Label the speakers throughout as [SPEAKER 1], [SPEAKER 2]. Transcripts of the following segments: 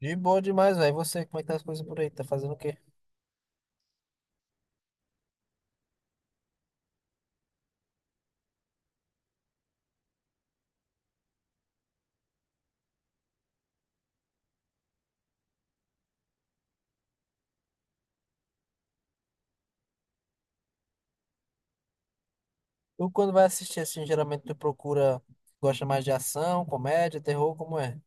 [SPEAKER 1] De boa demais, velho. E você, como é que tá as coisas por aí? Tá fazendo o quê? Tu, quando vai assistir, assim, geralmente tu procura... Gosta mais de ação, comédia, terror, como é?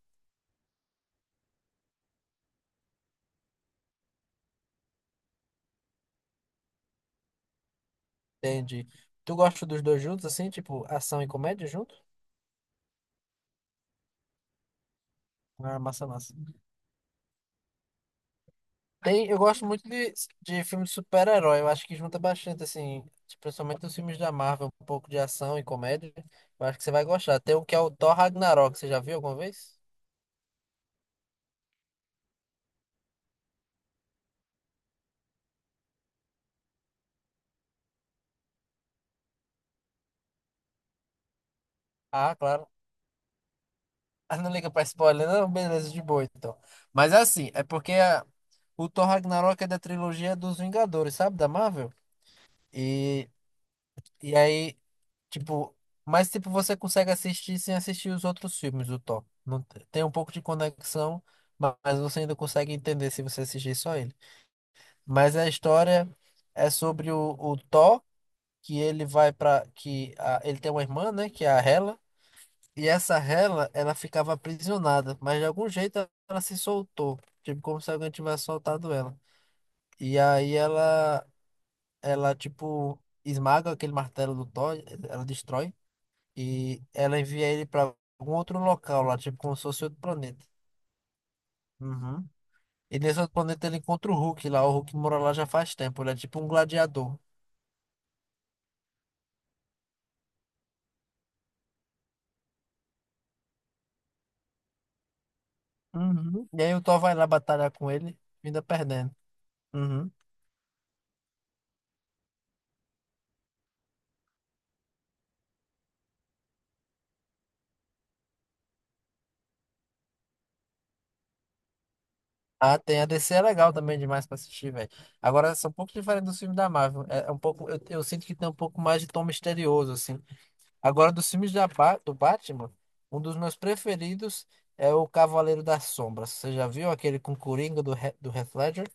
[SPEAKER 1] Entendi. Tu gosta dos dois juntos, assim? Tipo, ação e comédia junto? Ah, massa, massa. Tem, eu gosto muito de filme de super-herói. Eu acho que junta bastante, assim... Principalmente os filmes da Marvel. Um pouco de ação e comédia. Eu acho que você vai gostar. Tem um que é o Thor Ragnarok. Você já viu alguma vez? Ah, claro. Ah, não liga pra spoiler, não? Beleza, de boa, então. Mas é assim, é porque o Thor Ragnarok é da trilogia dos Vingadores, sabe? Da Marvel. E, e aí, tipo... Mas, tipo, você consegue assistir sem assistir os outros filmes do Thor. Não, tem um pouco de conexão, mas você ainda consegue entender se você assistir só ele. Mas a história é sobre o Thor, que ele vai pra... Que ele tem uma irmã, né? Que é a Hela. E essa rela, ela ficava aprisionada, mas de algum jeito ela se soltou, tipo como se alguém tivesse soltado ela. E aí ela tipo esmaga aquele martelo do Thor, ela destrói e ela envia ele para algum outro local lá, tipo como se fosse outro planeta. Uhum. E nesse outro planeta ele encontra o Hulk lá, o Hulk mora lá já faz tempo, ele é tipo um gladiador. Uhum. E aí o Thor vai lá batalhar com ele, ainda perdendo. Uhum. Ah, tem. A DC é legal também demais pra assistir, velho. Agora, são um pouco diferente dos filmes da Marvel. É um pouco, eu sinto que tem um pouco mais de tom misterioso, assim. Agora, dos filmes do Batman, um dos meus preferidos é o Cavaleiro das Sombras. Você já viu aquele com o Coringa do Heath Ledger?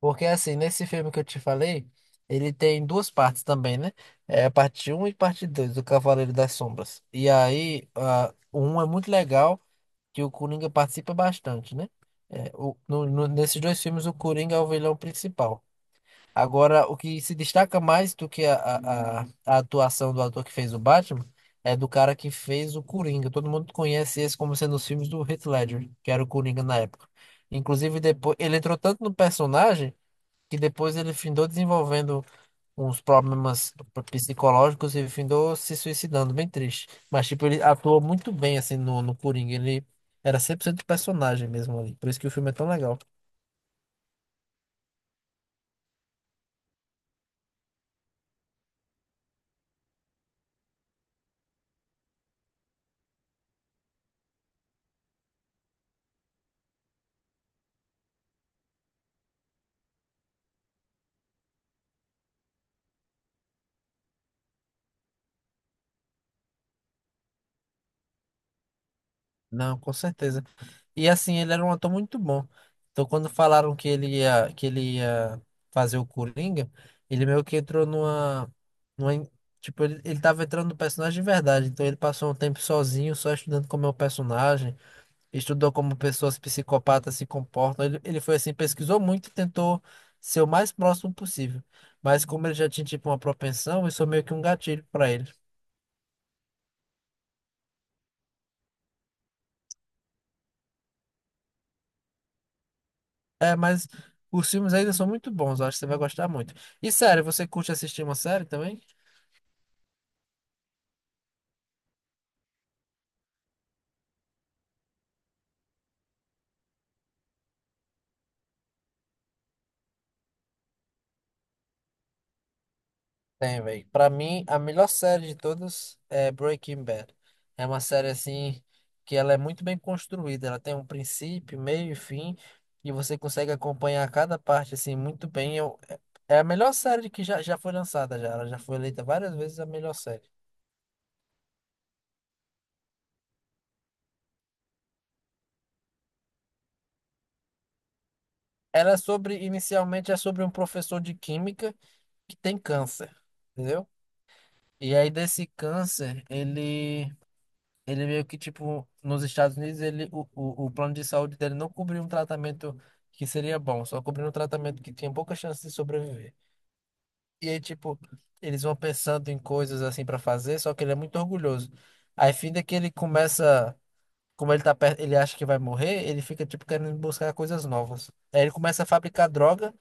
[SPEAKER 1] Porque, assim, nesse filme que eu te falei, ele tem duas partes também, né? É a parte um e parte 2 do Cavaleiro das Sombras. E aí, ah, o 1 é muito legal. Que o Coringa participa bastante, né? É, nesses dois filmes, o Coringa é o vilão principal. Agora, o que se destaca mais do que a atuação do ator que fez o Batman é do cara que fez o Coringa. Todo mundo conhece esse como sendo os filmes do Heath Ledger, que era o Coringa na época. Inclusive, depois ele entrou tanto no personagem que depois ele findou desenvolvendo uns problemas psicológicos e findou se suicidando, bem triste. Mas, tipo, ele atuou muito bem, assim, no Coringa. Ele era 100% personagem mesmo ali. Por isso que o filme é tão legal. Não, com certeza. E, assim, ele era um ator muito bom. Então, quando falaram que ele ia fazer o Coringa, ele meio que entrou numa en- tipo, ele tava entrando no personagem de verdade. Então, ele passou um tempo sozinho, só estudando como é o personagem. Estudou como pessoas psicopatas se comportam. Ele foi assim, pesquisou muito e tentou ser o mais próximo possível. Mas como ele já tinha tipo uma propensão, isso é meio que um gatilho pra ele. É, mas os filmes ainda são muito bons, eu acho que você vai gostar muito. E sério, você curte assistir uma série também? Tem, velho. Pra mim, a melhor série de todas é Breaking Bad. É uma série assim que ela é muito bem construída. Ela tem um princípio, meio e fim, e você consegue acompanhar cada parte assim muito bem. Eu, é é a melhor série que já foi lançada já. Ela já foi eleita várias vezes a melhor série. Ela é sobre, inicialmente, é sobre um professor de química que tem câncer, entendeu? E aí desse câncer, ele meio que, tipo, nos Estados Unidos, o plano de saúde dele não cobria um tratamento que seria bom, só cobria um tratamento que tinha pouca chance de sobreviver. E aí, tipo, eles vão pensando em coisas assim pra fazer, só que ele é muito orgulhoso. Aí, fim é que ele começa, como ele tá perto, ele acha que vai morrer, ele fica, tipo, querendo buscar coisas novas. Aí ele começa a fabricar droga,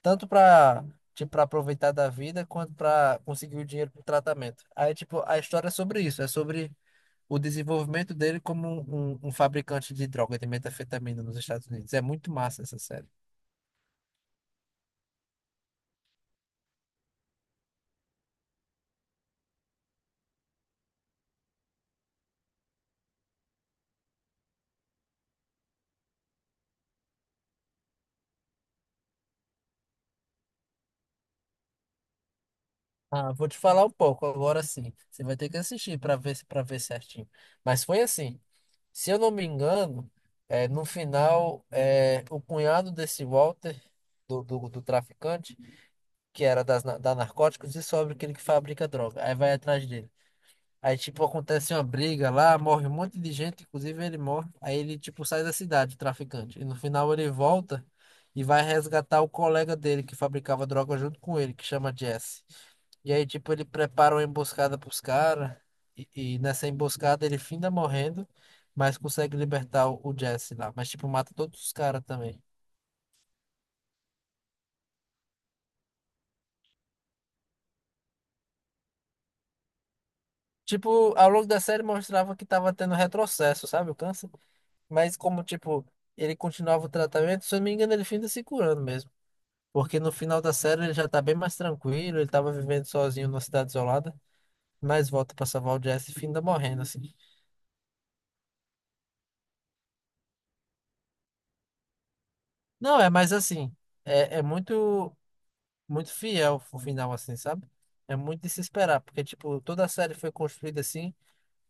[SPEAKER 1] tanto pra, tipo, pra aproveitar da vida, quanto pra conseguir o dinheiro pro tratamento. Aí, tipo, a história é sobre isso, é sobre o desenvolvimento dele como um fabricante de droga, de metanfetamina nos Estados Unidos. É muito massa essa série. Ah, vou te falar um pouco agora sim. Você vai ter que assistir para ver certinho. Mas foi assim, se eu não me engano, é, no final, é, o cunhado desse Walter, do traficante, que era da Narcóticos, descobre que ele que fabrica droga. Aí vai atrás dele. Aí, tipo, acontece uma briga lá, morre um monte de gente, inclusive ele morre. Aí ele, tipo, sai da cidade, o traficante. E no final ele volta e vai resgatar o colega dele que fabricava droga junto com ele, que chama Jesse. E aí, tipo, ele prepara uma emboscada pros caras. E nessa emboscada ele finda morrendo, mas consegue libertar o Jesse lá. Mas, tipo, mata todos os caras também. Tipo, ao longo da série mostrava que tava tendo retrocesso, sabe? O câncer. Mas como, tipo, ele continuava o tratamento, se eu não me engano, ele finda se curando mesmo. Porque no final da série ele já tá bem mais tranquilo, ele tava vivendo sozinho numa cidade isolada, mas volta pra salvar o Jesse e finda morrendo, assim. Não, é, mas assim, é, muito, muito fiel o final, assim, sabe? É muito de se esperar, porque, tipo, toda a série foi construída assim,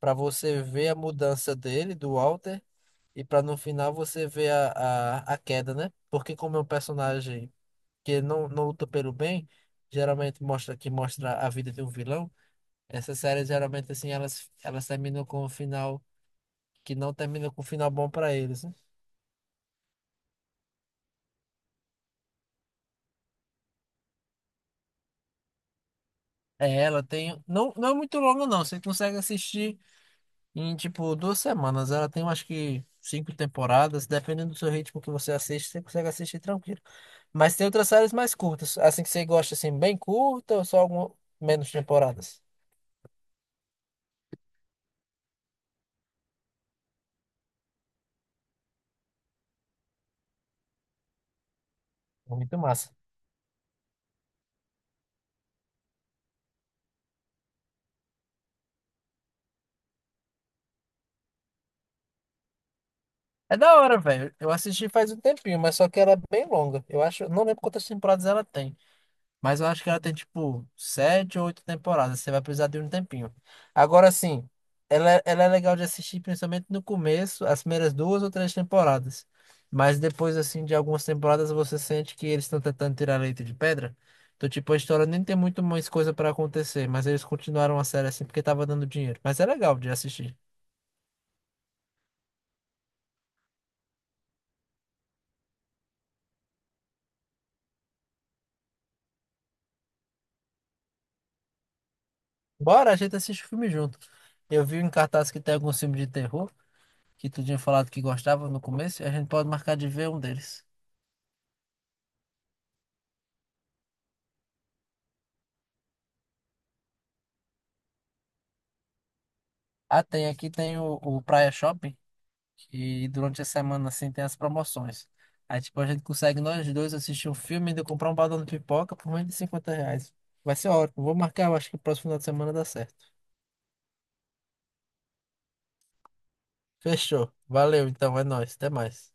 [SPEAKER 1] pra você ver a mudança dele, do Walter, e pra no final você ver a queda, né? Porque como é um personagem que não luta pelo bem, geralmente mostra a vida de um vilão. Essas séries geralmente assim elas terminam com um final que não termina com um final bom pra eles, né? É, ela tem não é muito longa não, você consegue assistir em tipo 2 semanas. Ela tem acho que cinco temporadas, dependendo do seu ritmo que você assiste, você consegue assistir tranquilo. Mas tem outras séries mais curtas, assim que você gosta assim bem curta ou só algum menos temporadas. É muito massa. É da hora, velho. Eu assisti faz um tempinho, mas só que ela é bem longa. Eu acho, eu não lembro quantas temporadas ela tem, mas eu acho que ela tem tipo sete ou oito temporadas. Você vai precisar de um tempinho. Agora sim, ela é legal de assistir, principalmente no começo, as primeiras duas ou três temporadas. Mas depois, assim, de algumas temporadas, você sente que eles estão tentando tirar leite de pedra. Então, tipo, a história nem tem muito mais coisa pra acontecer, mas eles continuaram a série assim porque tava dando dinheiro. Mas é legal de assistir. Bora, a gente assiste o filme junto. Eu vi em cartaz que tem alguns filmes de terror, que tu tinha falado que gostava no começo, e a gente pode marcar de ver um deles. Ah, tem aqui tem o Praia Shopping, que durante a semana assim tem as promoções. Aí tipo, a gente consegue nós dois assistir um filme e ainda comprar um balão de pipoca por menos de R$ 50. Vai ser ótimo, vou marcar, eu acho que o próximo final de semana dá certo. Fechou, valeu então, é nóis, até mais.